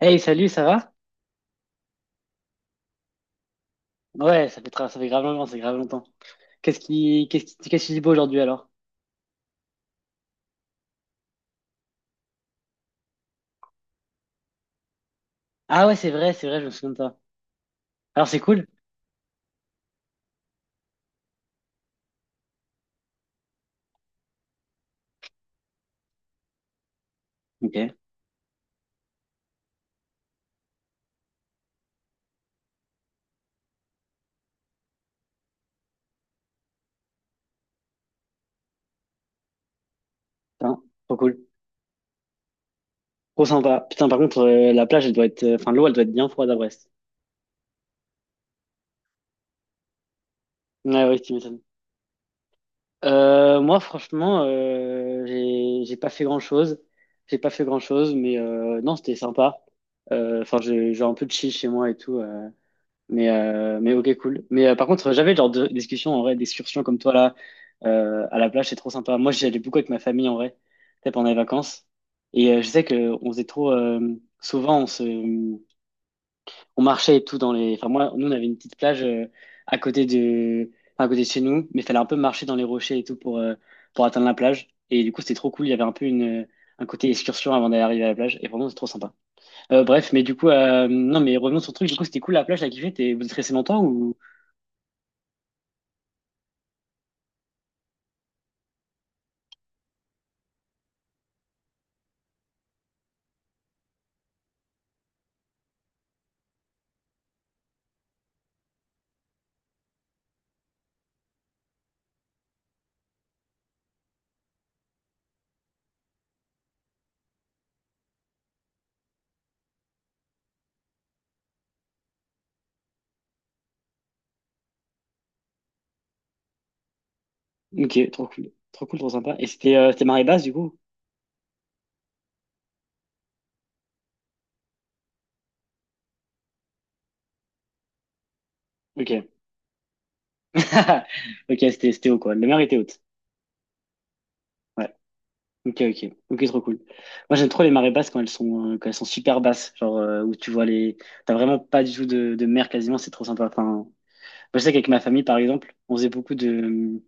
Hey, salut, ça va? Ouais, ça fait, ça fait grave longtemps, c'est grave longtemps. Qu'est-ce qui dit beau aujourd'hui alors? Ah ouais, c'est vrai, je me souviens de ça. Alors c'est cool? Ok, putain, trop cool. Trop sympa. Putain, par contre, la plage, elle doit être, enfin, l'eau, elle doit être bien froide à Brest. Ouais, ouais, tu m'étonnes. Moi, franchement, j'ai pas fait grand-chose. J'ai pas fait grand-chose, mais non, c'était sympa. Enfin, j'ai un peu de chill chez moi et tout. Mais, ok, cool. Mais par contre, j'avais le genre de discussion en vrai, d'excursion comme toi là, à la plage, c'est trop sympa. Moi, j'y allais beaucoup avec ma famille en vrai, tu sais, pendant les vacances. Et je sais que on faisait trop. Souvent, on marchait et tout dans les. Enfin, moi, nous, on avait une petite plage à côté de chez nous, mais il fallait un peu marcher dans les rochers et tout pour atteindre la plage. Et du coup, c'était trop cool. Il y avait un peu une un côté excursion avant d'arriver à la plage. Et vraiment, c'est trop sympa. Bref, mais du coup, non, mais revenons sur le truc. Du coup, c'était cool la plage, t'as kiffé. Vous êtes resté longtemps ou? Ok, trop cool. Trop cool, trop sympa. Et c'était marée basse, du coup? Ok. Ok, c'était haut, quoi. La mer était haute. Ouais. Ok, ok. Ok, trop cool. Moi, j'aime trop les marées basses quand elles sont super basses. Genre, où tu vois les. T'as vraiment pas du tout de mer quasiment, c'est trop sympa. Enfin, moi, je sais qu'avec ma famille, par exemple, on faisait beaucoup de,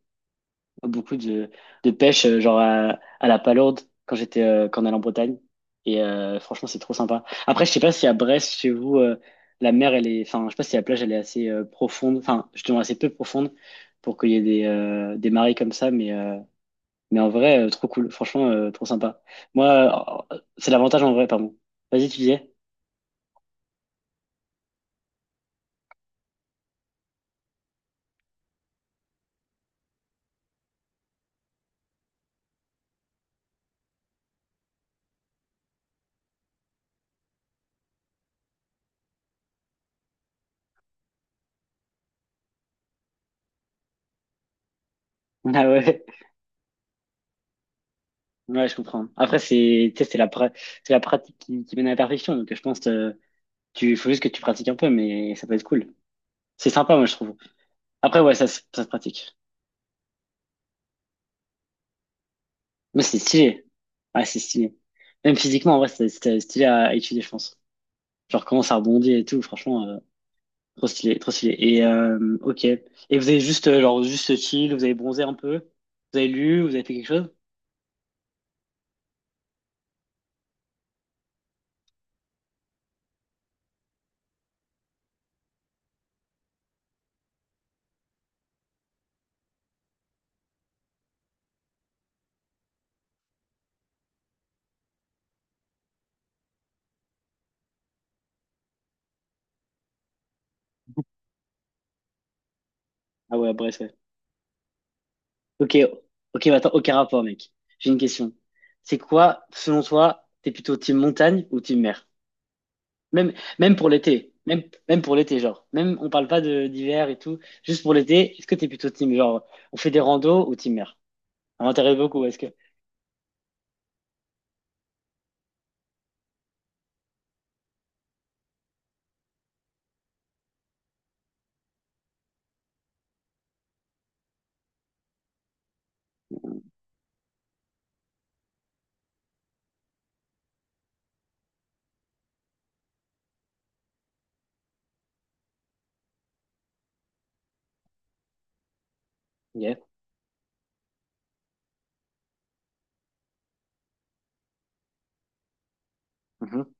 beaucoup de, de pêche, genre à la Palourde, quand j'étais, quand on allait en Bretagne. Et franchement, c'est trop sympa. Après, je sais pas si à Brest, chez vous, la mer, elle est, enfin, je sais pas si la plage, elle est justement assez peu profonde pour qu'il y ait des marées comme ça, mais en vrai, trop cool. Franchement, trop sympa. Moi, c'est l'avantage en vrai, pardon. Vas-y, tu disais? Ah ouais, ouais, je comprends. Après, c'est, tu sais, c'est la pratique qui mène à la perfection, donc je pense, faut juste que tu pratiques un peu, mais ça peut être cool. C'est sympa, moi, je trouve. Après, ouais, ça se pratique. Mais c'est stylé. Ah, c'est stylé. Même physiquement, en vrai, c'est stylé à étudier, je pense. Genre, comment ça rebondit et tout, franchement, trop stylé, trop stylé. Et, ok. Et vous avez juste, genre, juste chill, vous avez bronzé un peu, vous avez lu, vous avez fait quelque chose? Ah ouais, bref, ouais. Ok, ok, mais attends, aucun rapport, mec. J'ai une question. C'est quoi, selon toi, t'es plutôt team montagne ou team mer? Même, même pour l'été. Même pour l'été, genre. Même, on parle pas de d'hiver et tout. Juste pour l'été, est-ce que t'es plutôt team, genre, on fait des randos ou team mer? Ça m'intéresse beaucoup, est-ce que. Yeah. Mhm.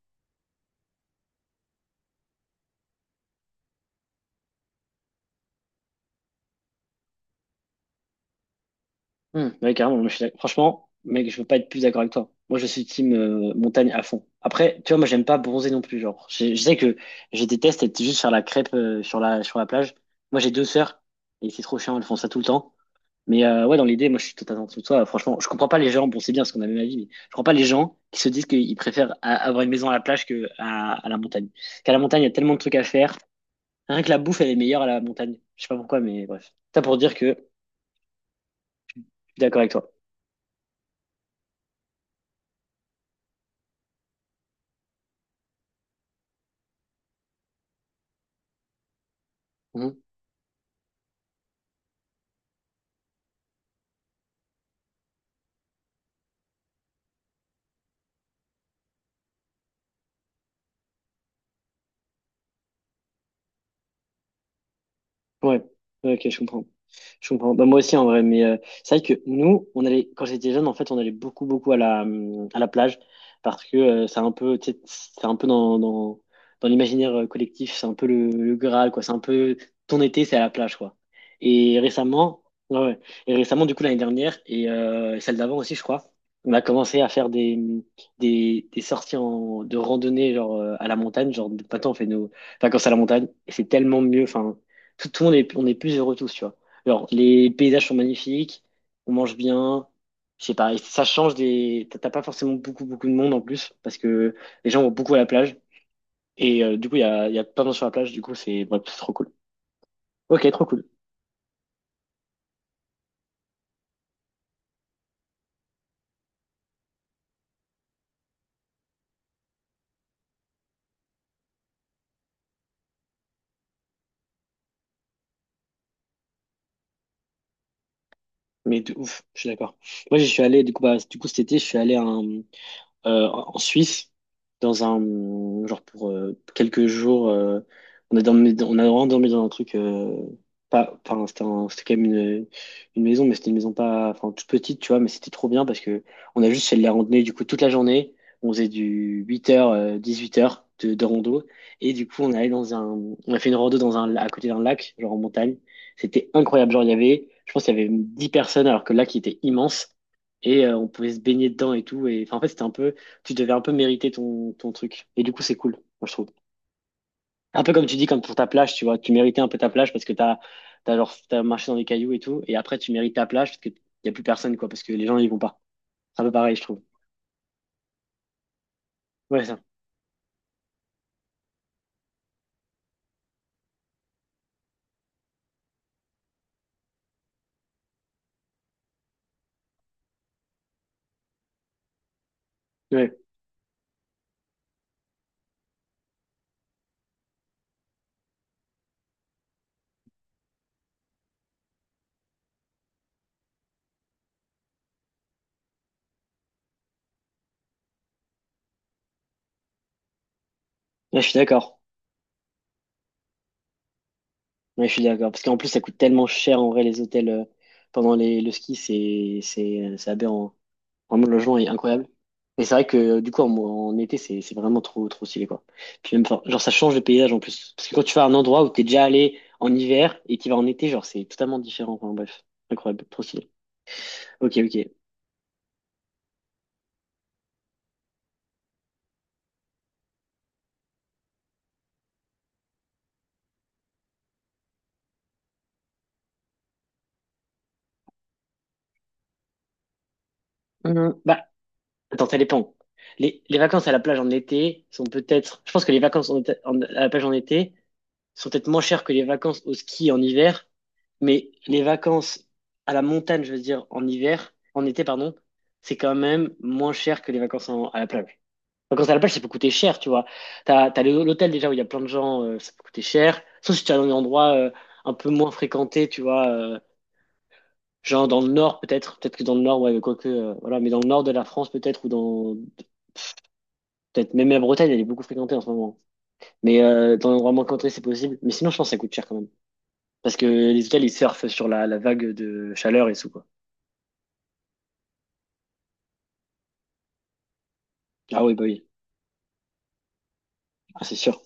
Hmm, ouais, carrément, moi, franchement, mec, je peux pas être plus d'accord avec toi. Moi, je suis team montagne à fond. Après, tu vois, moi, j'aime pas bronzer non plus, genre. Je sais que je déteste être juste sur la crêpe sur la plage. Moi, j'ai deux sœurs et c'est trop chiant, elles font ça tout le temps. Mais ouais, dans l'idée, moi je suis totalement sous toi. Franchement, je comprends pas les gens. Bon, c'est bien parce qu'on a le même avis, mais je comprends pas les gens qui se disent qu'ils préfèrent avoir une maison à la plage que à la montagne. Qu'à la montagne, il y a tellement de trucs à faire. Rien que la bouffe, elle est meilleure à la montagne. Je sais pas pourquoi, mais bref. Ça pour dire que je suis d'accord avec toi. Ouais, ouais, ok, je comprends. Je comprends. Bah, moi aussi, en vrai, mais c'est vrai que nous, on allait, quand j'étais jeune, en fait, on allait beaucoup, beaucoup à la plage parce que c'est un peu, tu sais, c'est un peu dans l'imaginaire collectif, c'est un peu le Graal, quoi. C'est un peu ton été, c'est à la plage, quoi. Et récemment, ouais, ouais. Et récemment, du coup, l'année dernière et celle d'avant aussi, je crois, on a commencé à faire des sorties en, de randonnée, genre à la montagne. Genre, maintenant, on fait nos, vacances à la montagne et c'est tellement mieux. Enfin, tout le monde est, on est plus heureux tous, tu vois. Alors, les paysages sont magnifiques, on mange bien, je sais pas, et ça change des. T'as pas forcément beaucoup, beaucoup de monde en plus, parce que les gens vont beaucoup à la plage, et du coup, il y a plein de gens sur la plage, du coup, c'est bref, c'est trop cool. Ok, trop cool. Mais de ouf, je suis d'accord. Moi, je suis allé, du coup, bah, du coup, cet été, je suis allé à un. En Suisse, dans un genre pour quelques jours, on a vraiment dormi dans un truc pas, enfin c'était c'était quand même une maison, mais c'était une maison pas, enfin toute petite, tu vois, mais c'était trop bien parce que on a juste fait de la randonnée du coup toute la journée, on faisait du 8h, 18h de rando et du coup on est allé dans un, on a fait une rando dans un, à côté d'un lac, genre en montagne, c'était incroyable, genre je pense qu'il y avait 10 personnes alors que le lac il était immense et on pouvait se baigner dedans et tout. Et enfin, en fait, c'était un peu tu devais un peu mériter ton truc. Et du coup, c'est cool, moi, je trouve. Un peu comme tu dis, comme pour ta plage, tu vois, tu méritais un peu ta plage parce que t'as marché dans les cailloux et tout, et après, tu mérites ta plage parce qu'il n'y a plus personne, quoi, parce que les gens, ils vont pas. C'est un peu pareil, je trouve. Ouais, ça. Ouais, ouais, je suis d'accord. Ouais, je suis d'accord. Parce qu'en plus, ça coûte tellement cher, en vrai, les hôtels pendant le ski, c'est aberrant. Vraiment, le logement est incroyable. Et c'est vrai que du coup, en été, c'est vraiment trop, trop stylé, quoi. Puis même, enfin, genre, ça change le paysage en plus. Parce que quand tu vas à un endroit où t'es déjà allé en hiver et t'y vas en été, genre, c'est totalement différent. Enfin, bref, incroyable, trop stylé. Ok, ok. Bah, attends, ça dépend. Les vacances à la plage en été sont peut-être. Je pense que les vacances à la plage en été sont peut-être moins chères que les vacances au ski en hiver, mais les vacances à la montagne, je veux dire, en hiver, en été, pardon, c'est quand même moins cher que les vacances à la plage. Les vacances à la plage, ça peut coûter cher, tu vois. T'as l'hôtel déjà où il y a plein de gens, ça peut coûter cher. Sauf si tu es dans des endroits un peu moins fréquentés, tu vois, genre dans le nord peut-être, peut-être que dans le nord, ouais, quoique, voilà, mais dans le nord de la France peut-être, ou dans, peut-être même la Bretagne, elle est beaucoup fréquentée en ce moment. Mais dans un endroit moins fréquenté, c'est possible. Mais sinon, je pense que ça coûte cher quand même. Parce que les hôtels, ils surfent sur la vague de chaleur et tout, quoi. Ah oui, bah oui. Ah, c'est sûr.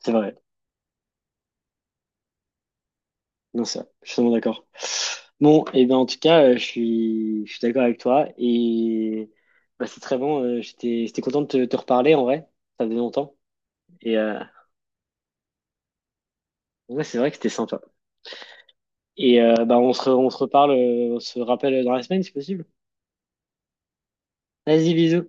C'est vrai. Non, ça, je suis totalement d'accord. Bon, et ben en tout cas, je suis d'accord avec toi. Et bah, c'est très bon. J'étais content de te reparler en vrai. Ça faisait longtemps. Et ouais, c'est vrai que c'était sympa. Et bah, on se, re- on se reparle, on se rappelle dans la semaine si possible. Vas-y, bisous.